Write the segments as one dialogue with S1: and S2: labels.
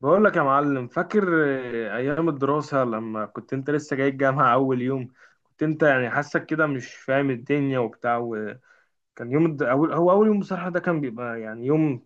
S1: بقول لك يا معلم، فاكر ايام الدراسة لما كنت انت لسه جاي الجامعة؟ اول يوم كنت انت يعني حاسك كده مش فاهم الدنيا وبتاع، وكان هو اول يوم بصراحة. ده كان بيبقى يعني يوم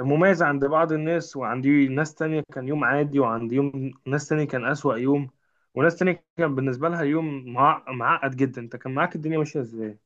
S1: مميز عند بعض الناس، وعندي ناس تانية كان يوم عادي، وعند يوم ناس تانية كان أسوأ يوم، وناس تانية كان بالنسبة لها يوم معقد جدا. انت كان معاك الدنيا ماشية ازاي؟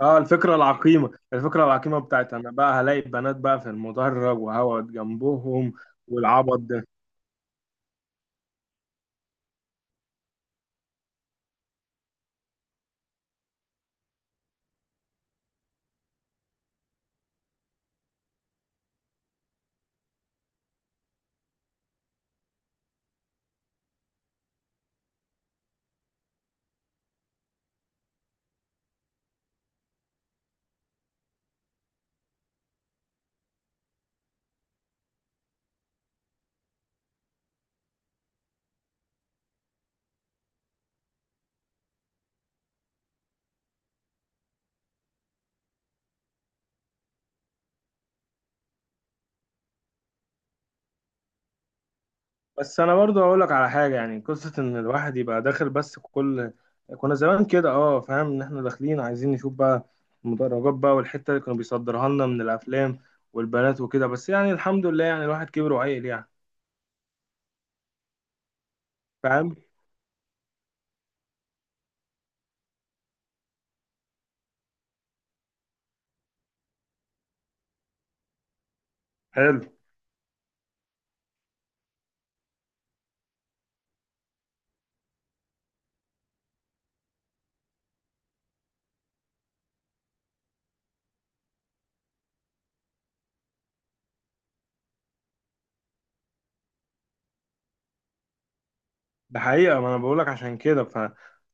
S1: اه الفكرة العقيمة، الفكرة العقيمة بتاعت انا بقى هلاقي بنات بقى في المدرج وهقعد جنبهم، والعبط ده. بس انا برضو اقول لك على حاجه، يعني قصه ان الواحد يبقى داخل، بس كل كنا زمان كده اه، فاهم؟ ان احنا داخلين عايزين نشوف بقى المدرجات بقى، والحته اللي كانوا بيصدرها لنا من الافلام والبنات وكده، بس يعني الحمد لله، يعني الواحد كبر وعقل يعني. فاهم. حلو. ده حقيقه، ما انا بقول لك عشان كده.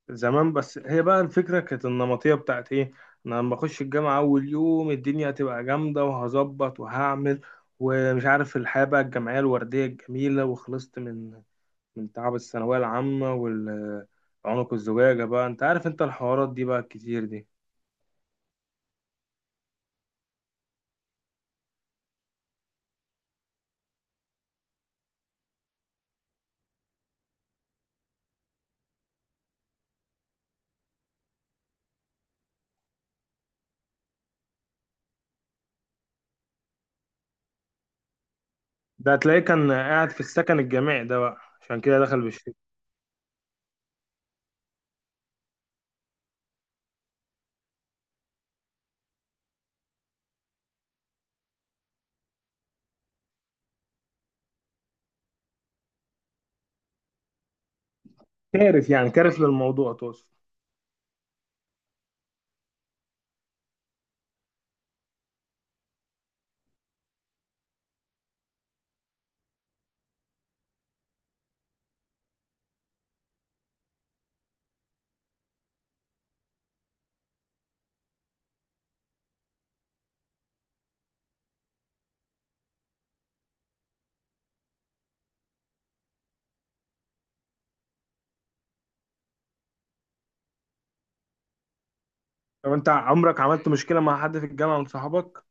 S1: فزمان بس هي بقى الفكره كانت النمطيه بتاعت ايه؟ إن انا لما اخش الجامعه اول يوم الدنيا هتبقى جامده، وهظبط وهعمل، ومش عارف الحياه بقى الجامعيه الورديه الجميله، وخلصت من تعب الثانوية العامة والعنق الزجاجة بقى، انت عارف انت الحوارات دي بقى الكتير دي. ده هتلاقيه كان قاعد في السكن الجامعي ده، بقى عشان كده دخل بالشركة. كارف، يعني كارف للموضوع تقصد؟ طب انت عمرك عملت مشكلة مع حد في الجامعة من صحابك؟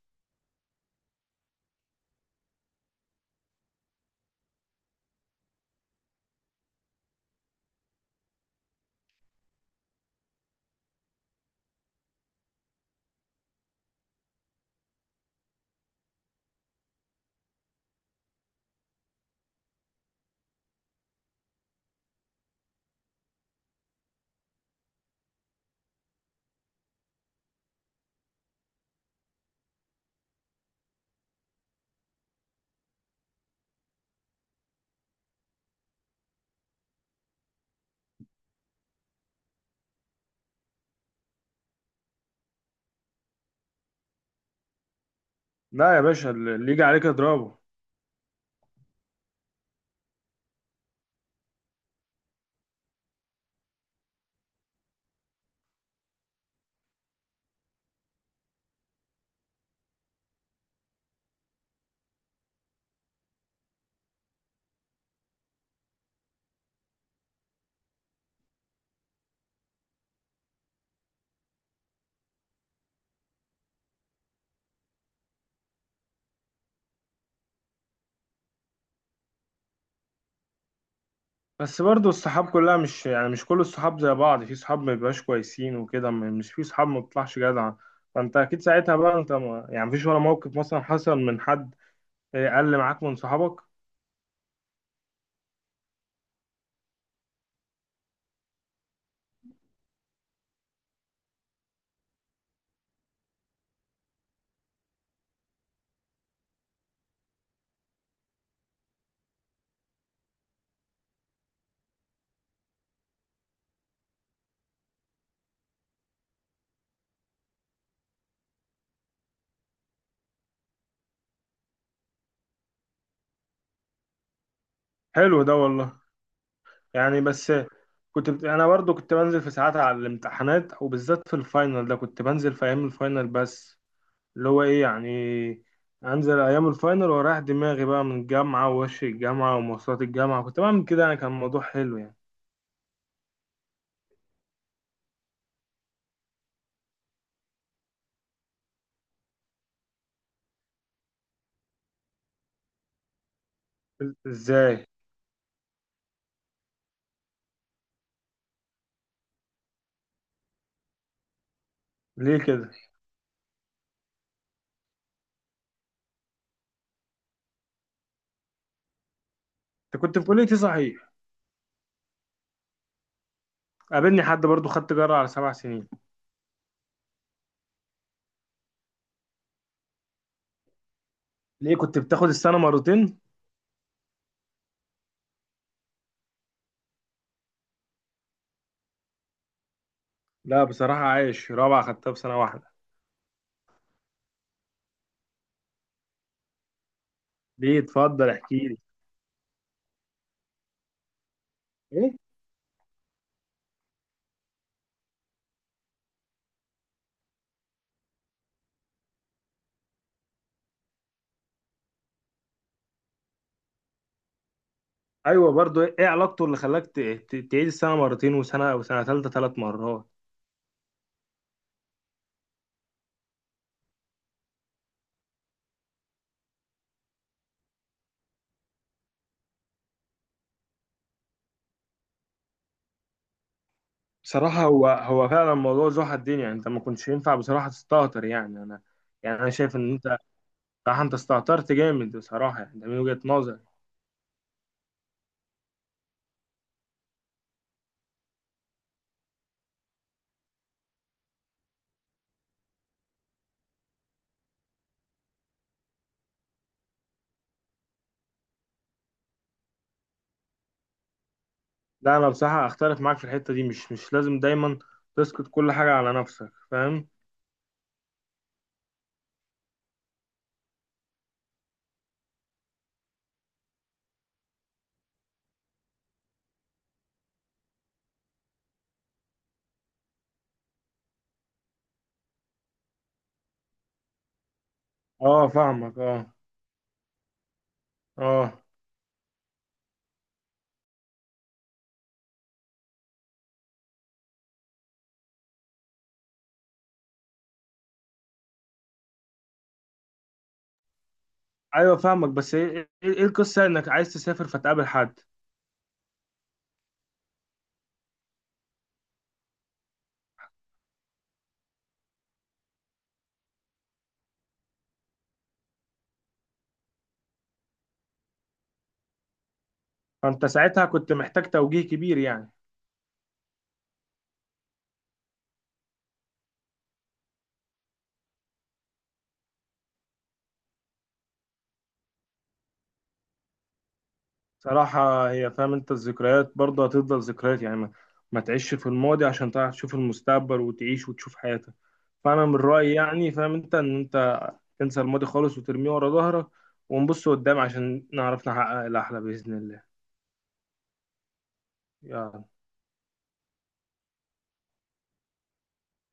S1: لا يا باشا، اللي يجي عليك اضربه. بس برضو الصحاب كلها مش، يعني مش كل الصحاب زي بعض، في صحاب ما بيبقاش كويسين وكده، مش في صحاب ما بتطلعش جدعة. فانت اكيد ساعتها بقى، انت ما يعني مفيش ولا موقف مثلا حصل من حد، قل معاك من صحابك؟ حلو ده والله. يعني بس انا برضو كنت بنزل في ساعات على الامتحانات، وبالذات في الفاينل ده كنت بنزل في ايام الفاينل بس، اللي هو ايه يعني انزل ايام الفاينل ورايح دماغي بقى من الجامعه ووش الجامعه ومواصلات الجامعه، كنت بعمل كده يعني، كان الموضوع حلو يعني. ازاي؟ ليه كده؟ انت كنت في كليه ايه صحيح؟ قابلني حد برضو خدت جرعه على 7 سنين. ليه كنت بتاخد السنه مرتين؟ لا بصراحه، عايش رابعه خدتها في سنه واحده. ليه؟ اتفضل احكي لي. ايه؟ ايوه برضو، ايه علاقته اللي خلاك تعيد السنه مرتين، وسنه ثالثه 3 مرات؟ بصراحه هو فعلا موضوع زوحة الدنيا، انت ما كنتش ينفع بصراحه تستهتر يعني انا شايف ان انت بصراحه انت استهترت جامد بصراحه، يعني ده من وجهه نظري. لا انا بصراحه اختلف معاك في الحته دي، مش لازم دايما تسقط كل حاجه على نفسك، فاهم. اه فاهمك. اه. اه. ايوه فاهمك. بس ايه إيه القصه انك عايز تسافر فتقابل حد؟ فانت ساعتها كنت محتاج توجيه كبير يعني. صراحة هي، فاهم انت الذكريات برضه هتفضل ذكريات، يعني ما تعيش في الماضي عشان تعرف تشوف المستقبل، وتعيش وتشوف حياتك. فأنا من رأيي يعني، فاهم انت ان انت تنسى الماضي خالص وترميه ورا ظهرك، ونبص قدام عشان نعرف نحقق الأحلى بإذن الله. يلا.